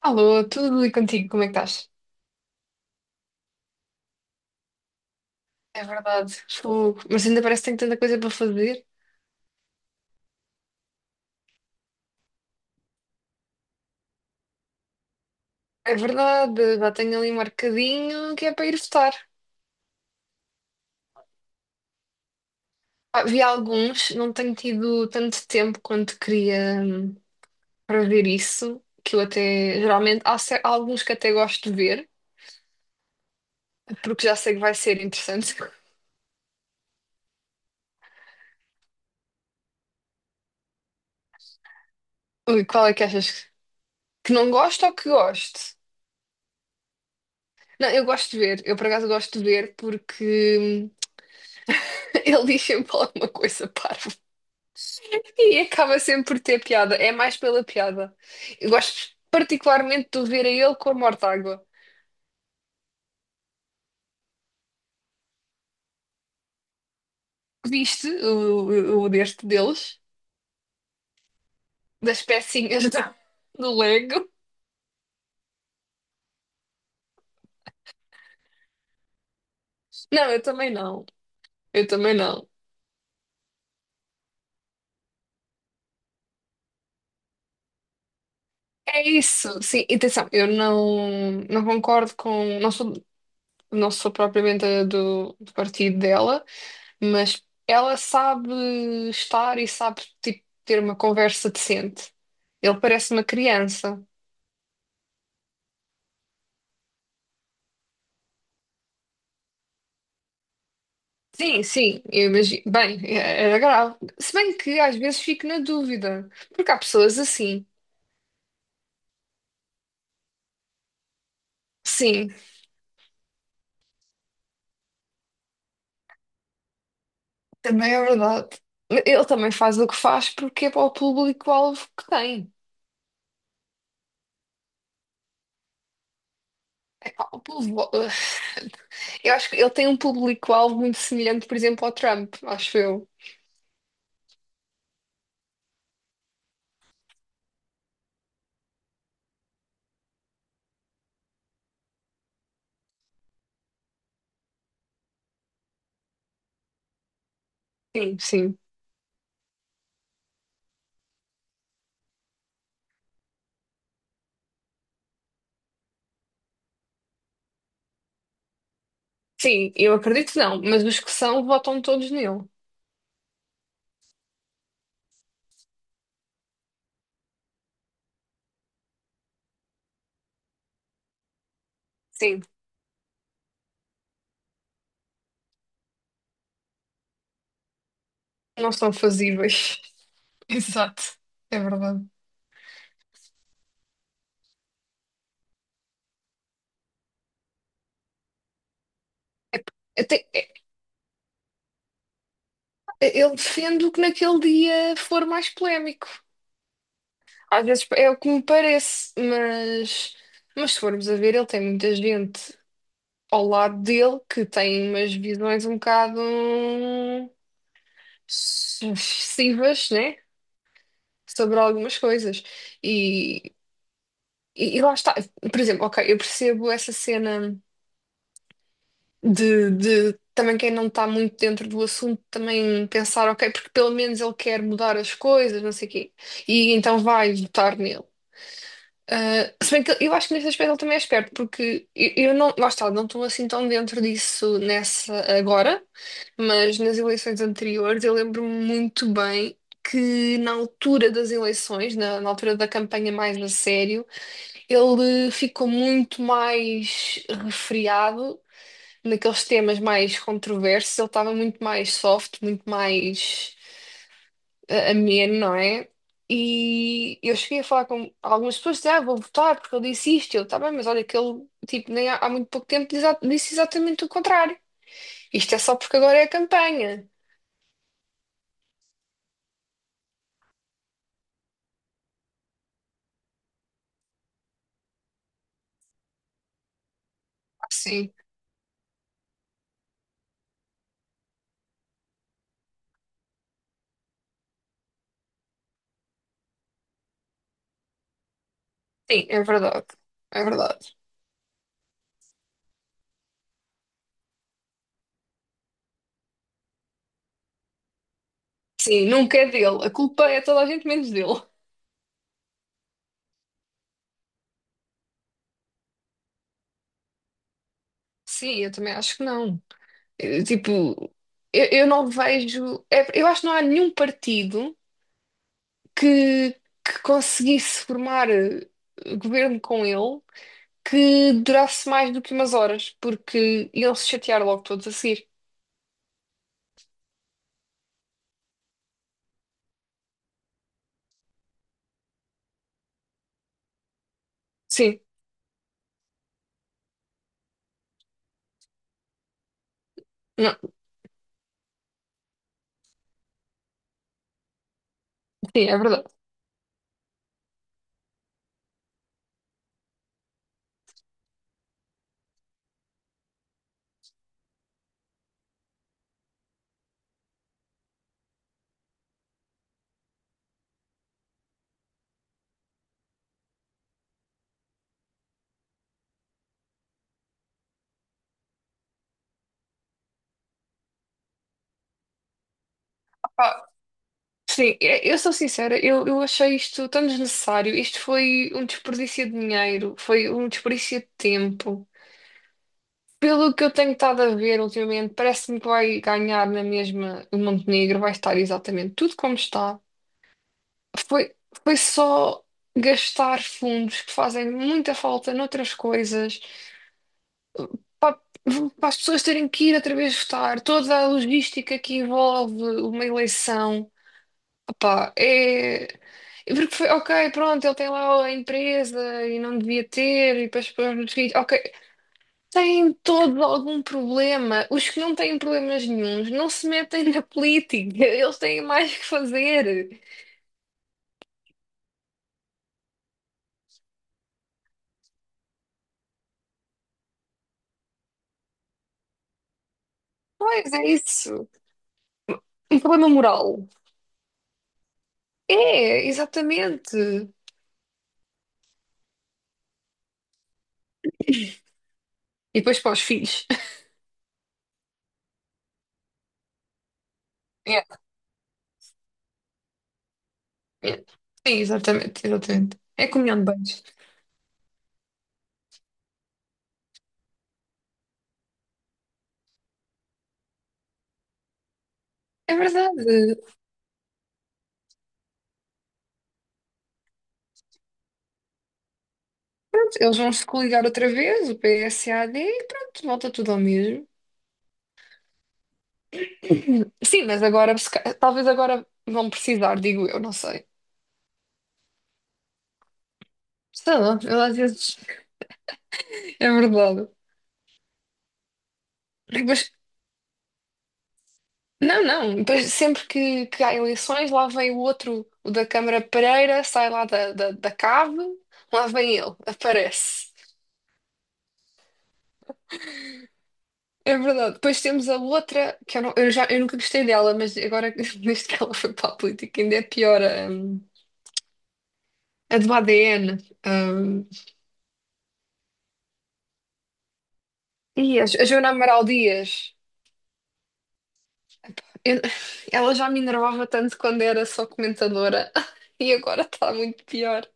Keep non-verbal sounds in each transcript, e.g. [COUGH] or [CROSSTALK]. Alô, tudo e contigo, como é que estás? É verdade, fogo. Mas ainda parece que tenho tanta coisa para fazer. É verdade, já tenho ali marcadinho que é para ir votar. Ah, vi alguns, não tenho tido tanto tempo quanto queria para ver isso, que eu até, geralmente, há alguns que até gosto de ver, porque já sei que vai ser interessante. [LAUGHS] Ui, qual é que achas que não gosto ou que gosto? Não, eu gosto de ver, eu por acaso gosto de ver porque hum, [LAUGHS] ele diz sempre alguma coisa parva. [LAUGHS] E acaba sempre por ter piada. É mais pela piada. Eu gosto particularmente de o ver a ele com a Mortágua. Viste o deste deles? Das pecinhas [LAUGHS] do Lego? Não, eu também não. Eu também não. É isso. Sim, e atenção, eu não concordo com. Não sou propriamente a do partido dela, mas ela sabe estar e sabe tipo, ter uma conversa decente. Ele parece uma criança. Sim, sim, eu imagino. Bem, era grave. Se bem que às vezes fico na dúvida, porque há pessoas assim. Sim, também é verdade. Ele também faz o que faz porque é para o público-alvo que tem. Pá, eu acho que ele tem um público-alvo muito semelhante, por exemplo, ao Trump, acho eu. Sim, sim. Sim, eu acredito que não, mas os que são votam todos nele. Sim, não são fazíveis. [LAUGHS] Exato, é verdade. É, eu tenho- Eu defendo que naquele dia for mais polémico. Às vezes é o que me parece, mas se formos a ver, ele tem muita gente ao lado dele que tem umas visões um bocado excessivas, né? Sobre algumas coisas. E, e lá está. Por exemplo, ok, eu percebo essa cena de também quem não está muito dentro do assunto também pensar, ok, porque pelo menos ele quer mudar as coisas, não sei o quê. E então vai votar nele. Se bem que eu acho que nesse aspecto ele também é esperto, porque eu não, lá está, não estou assim tão dentro disso nessa agora, mas nas eleições anteriores eu lembro-me muito bem que na altura das eleições, na altura da campanha mais a sério, ele ficou muito mais refriado naqueles temas mais controversos, ele estava muito mais soft, muito mais a minha, não é? E eu cheguei a falar com algumas pessoas, dizia, ah, vou votar porque ele disse isto. Eu, tá bem, mas olha que ele, tipo, nem há muito pouco tempo diz disse exatamente o contrário. Isto é só porque agora é a campanha. Ah, sim, sim, é verdade. É verdade. Sim, nunca é dele. A culpa é toda a gente menos dele. Sim, eu também acho que não. Eu, tipo, eu não vejo. Eu acho que não há nenhum partido que, que conseguisse formar governo com ele que durasse mais do que umas horas, porque iam se chatear logo todos a seguir. Sim, não, sim, é verdade. Pá, sim, eu sou sincera, eu achei isto tão desnecessário. Isto foi um desperdício de dinheiro, foi um desperdício de tempo. Pelo que eu tenho estado a ver ultimamente, parece-me que vai ganhar na mesma o Montenegro, vai estar exatamente tudo como está. Foi, foi só gastar fundos que fazem muita falta noutras coisas. Pá, para as pessoas terem que ir outra vez votar, toda a logística que envolve uma eleição, opá, é. Porque foi, ok, pronto, ele tem lá a empresa e não devia ter, e para as pessoas nos filhos, ok, tem todo algum problema. Os que não têm problemas nenhuns não se metem na política, [LAUGHS] eles têm mais que fazer. Pois é isso. Um problema moral. É, exatamente. E depois para os filhos. [LAUGHS] É, é. Sim, exatamente, exatamente. É comunhão de bens. É verdade. Eles vão se coligar outra vez, o PSAD, e pronto, volta tudo ao mesmo. Sim, mas agora, se ca- talvez agora vão precisar, digo eu, não sei. Sei lá, eu às vezes. [LAUGHS] É verdade. Mas, não, não, depois sempre que há eleições, lá vem o outro, o da Câmara Pereira, sai lá da cave, lá vem ele, aparece. É verdade. Depois temos a outra, que eu, não- eu já, eu nunca gostei dela, mas agora, [LAUGHS] desde que ela foi para a política, ainda é pior. hum, A do ADN. hum, e a Joana Amaral Dias. Eu- ela já me enervava tanto quando era só comentadora [LAUGHS] e agora está muito pior.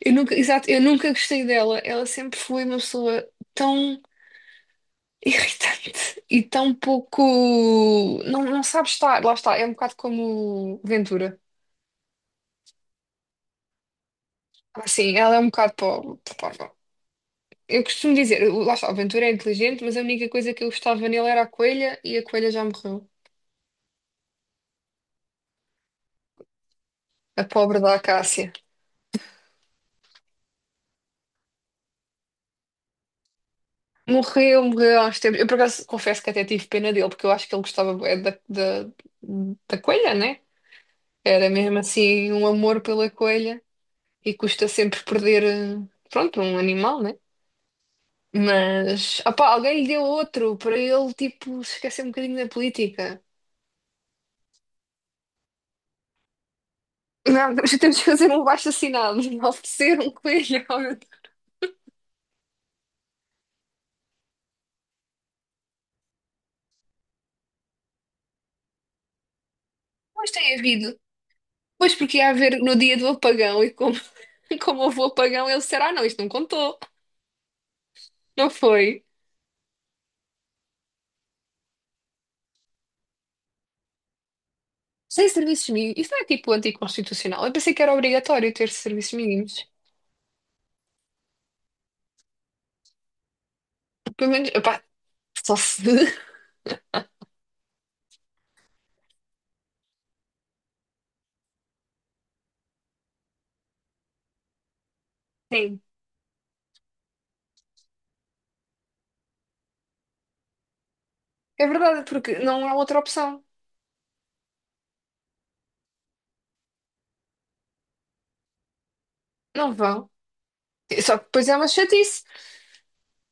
Eu nunca, exato, eu nunca gostei dela. Ela sempre foi uma pessoa tão irritante [LAUGHS] e tão pouco. Não, não sabe estar. Lá está, é um bocado como o Ventura. Ah, sim, ela é um bocado pó- pó- pó. Eu costumo dizer, lá está, o Ventura é inteligente, mas a única coisa que eu gostava nele era a coelha e a coelha já morreu. A pobre da Acácia. Morreu, morreu há uns tempos. Eu, por acaso, confesso que até tive pena dele, porque eu acho que ele gostava bué da, da coelha, né? Era mesmo assim um amor pela coelha e custa sempre perder, pronto, um animal, né? Mas, opá, alguém lhe deu outro para ele, tipo, se esquecer um bocadinho da política. Não, [LAUGHS] mas temos que fazer um abaixo-assinado, [LAUGHS] oferecer um coelho. Ao Mas tem havido. Pois porque ia haver no dia do apagão e como, [LAUGHS] como houve o apagão, ele disseram, ah, não, isto não contou, não foi. Sem serviços mínimos. Isso não é tipo anticonstitucional. Eu pensei que era obrigatório ter serviços mínimos. Pelo menos, opá, só se. [LAUGHS] Sim. É verdade, porque não há outra opção. Não vão. Só que depois é uma chatice.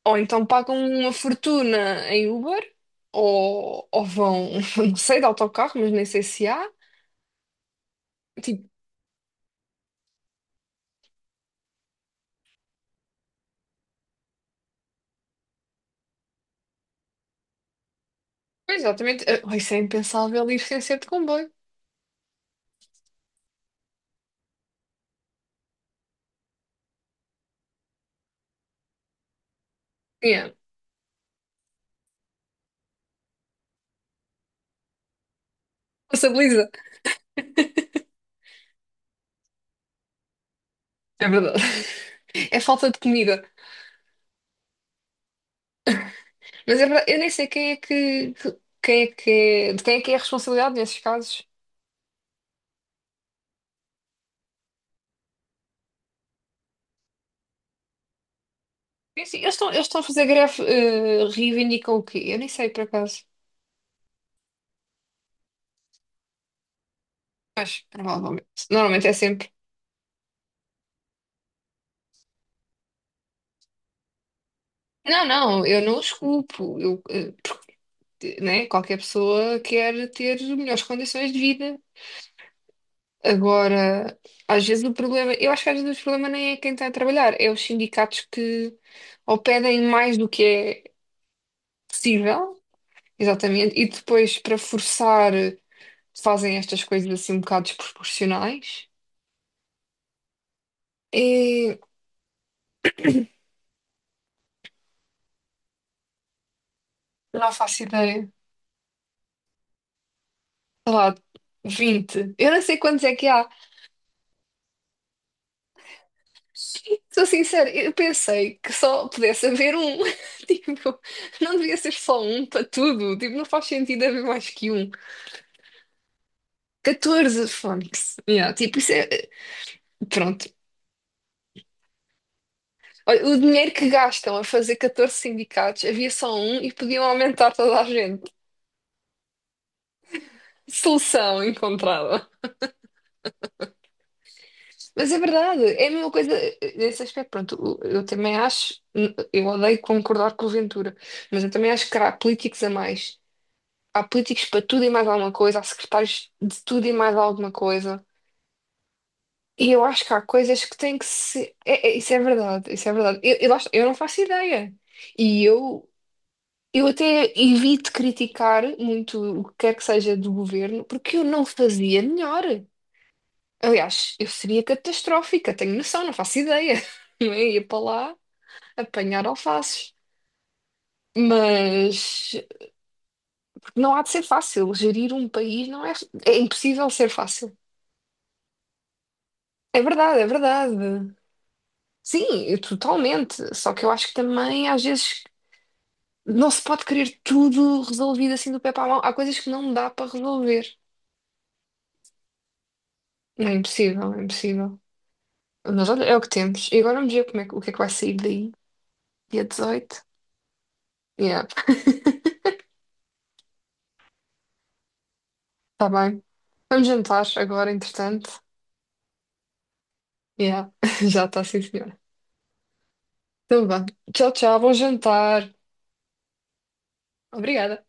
Ou então pagam uma fortuna em Uber, ou vão, [LAUGHS] não sei, de autocarro, mas nem sei se há. Tipo, pois exatamente. Oh, isso é impensável ir sem ser de comboio. Yeah. Passabiliza. É verdade. [LAUGHS] É falta de comida. Mas é verdade, eu nem sei quem é de quem é que é a responsabilidade nesses casos. Eu sei, eles estão a fazer greve, reivindicam o quê? Eu nem sei, por acaso. Mas, provavelmente. Normalmente é sempre. Não, não, eu não os culpo. Eu, porque, né, qualquer pessoa quer ter melhores condições de vida. Agora, às vezes o problema, eu acho que às vezes o problema nem é quem está a trabalhar, é os sindicatos que ou pedem mais do que é possível, exatamente, e depois para forçar. Fazem estas coisas assim um bocado desproporcionais. E não faço ideia. Sei lá, 20. Eu não sei quantos é que há. Sou sincera, eu pensei que só pudesse haver um. [LAUGHS] Tipo, não devia ser só um para tudo. Tipo, não faz sentido haver mais que um. 14 fónix. Yeah, tipo, isso é. Pronto. Olha, o dinheiro que gastam a fazer 14 sindicatos, havia só um e podiam aumentar toda a gente. Solução encontrada. Mas é verdade, é a mesma coisa nesse aspecto. Pronto, eu também acho, eu odeio concordar com o Ventura, mas eu também acho que há políticos a mais. Há políticos para tudo e mais alguma coisa, há secretários de tudo e mais alguma coisa. E eu acho que há coisas que têm que se. É, isso é verdade, isso é verdade. Eu não faço ideia. E eu até evito criticar muito o que quer que seja do governo, porque eu não fazia melhor. Aliás, eu seria catastrófica, tenho noção, não faço ideia. [LAUGHS] Não é? Ia para lá apanhar alfaces. Mas não há de ser fácil. Gerir um país não é. É impossível ser fácil. É verdade, é verdade. Sim, eu totalmente. Só que eu acho que também, às vezes, não se pode querer tudo resolvido assim do pé para a mão. Há coisas que não dá para resolver. Não é impossível, é impossível. Mas olha, é o que temos. E agora vamos ver como é, o que é que vai sair daí, dia 18. Yeah, está bem. Vamos jantar agora, entretanto. Yeah, [LAUGHS] já está, sim, senhora. Então vá. Tchau, tchau. Bom jantar. Obrigada.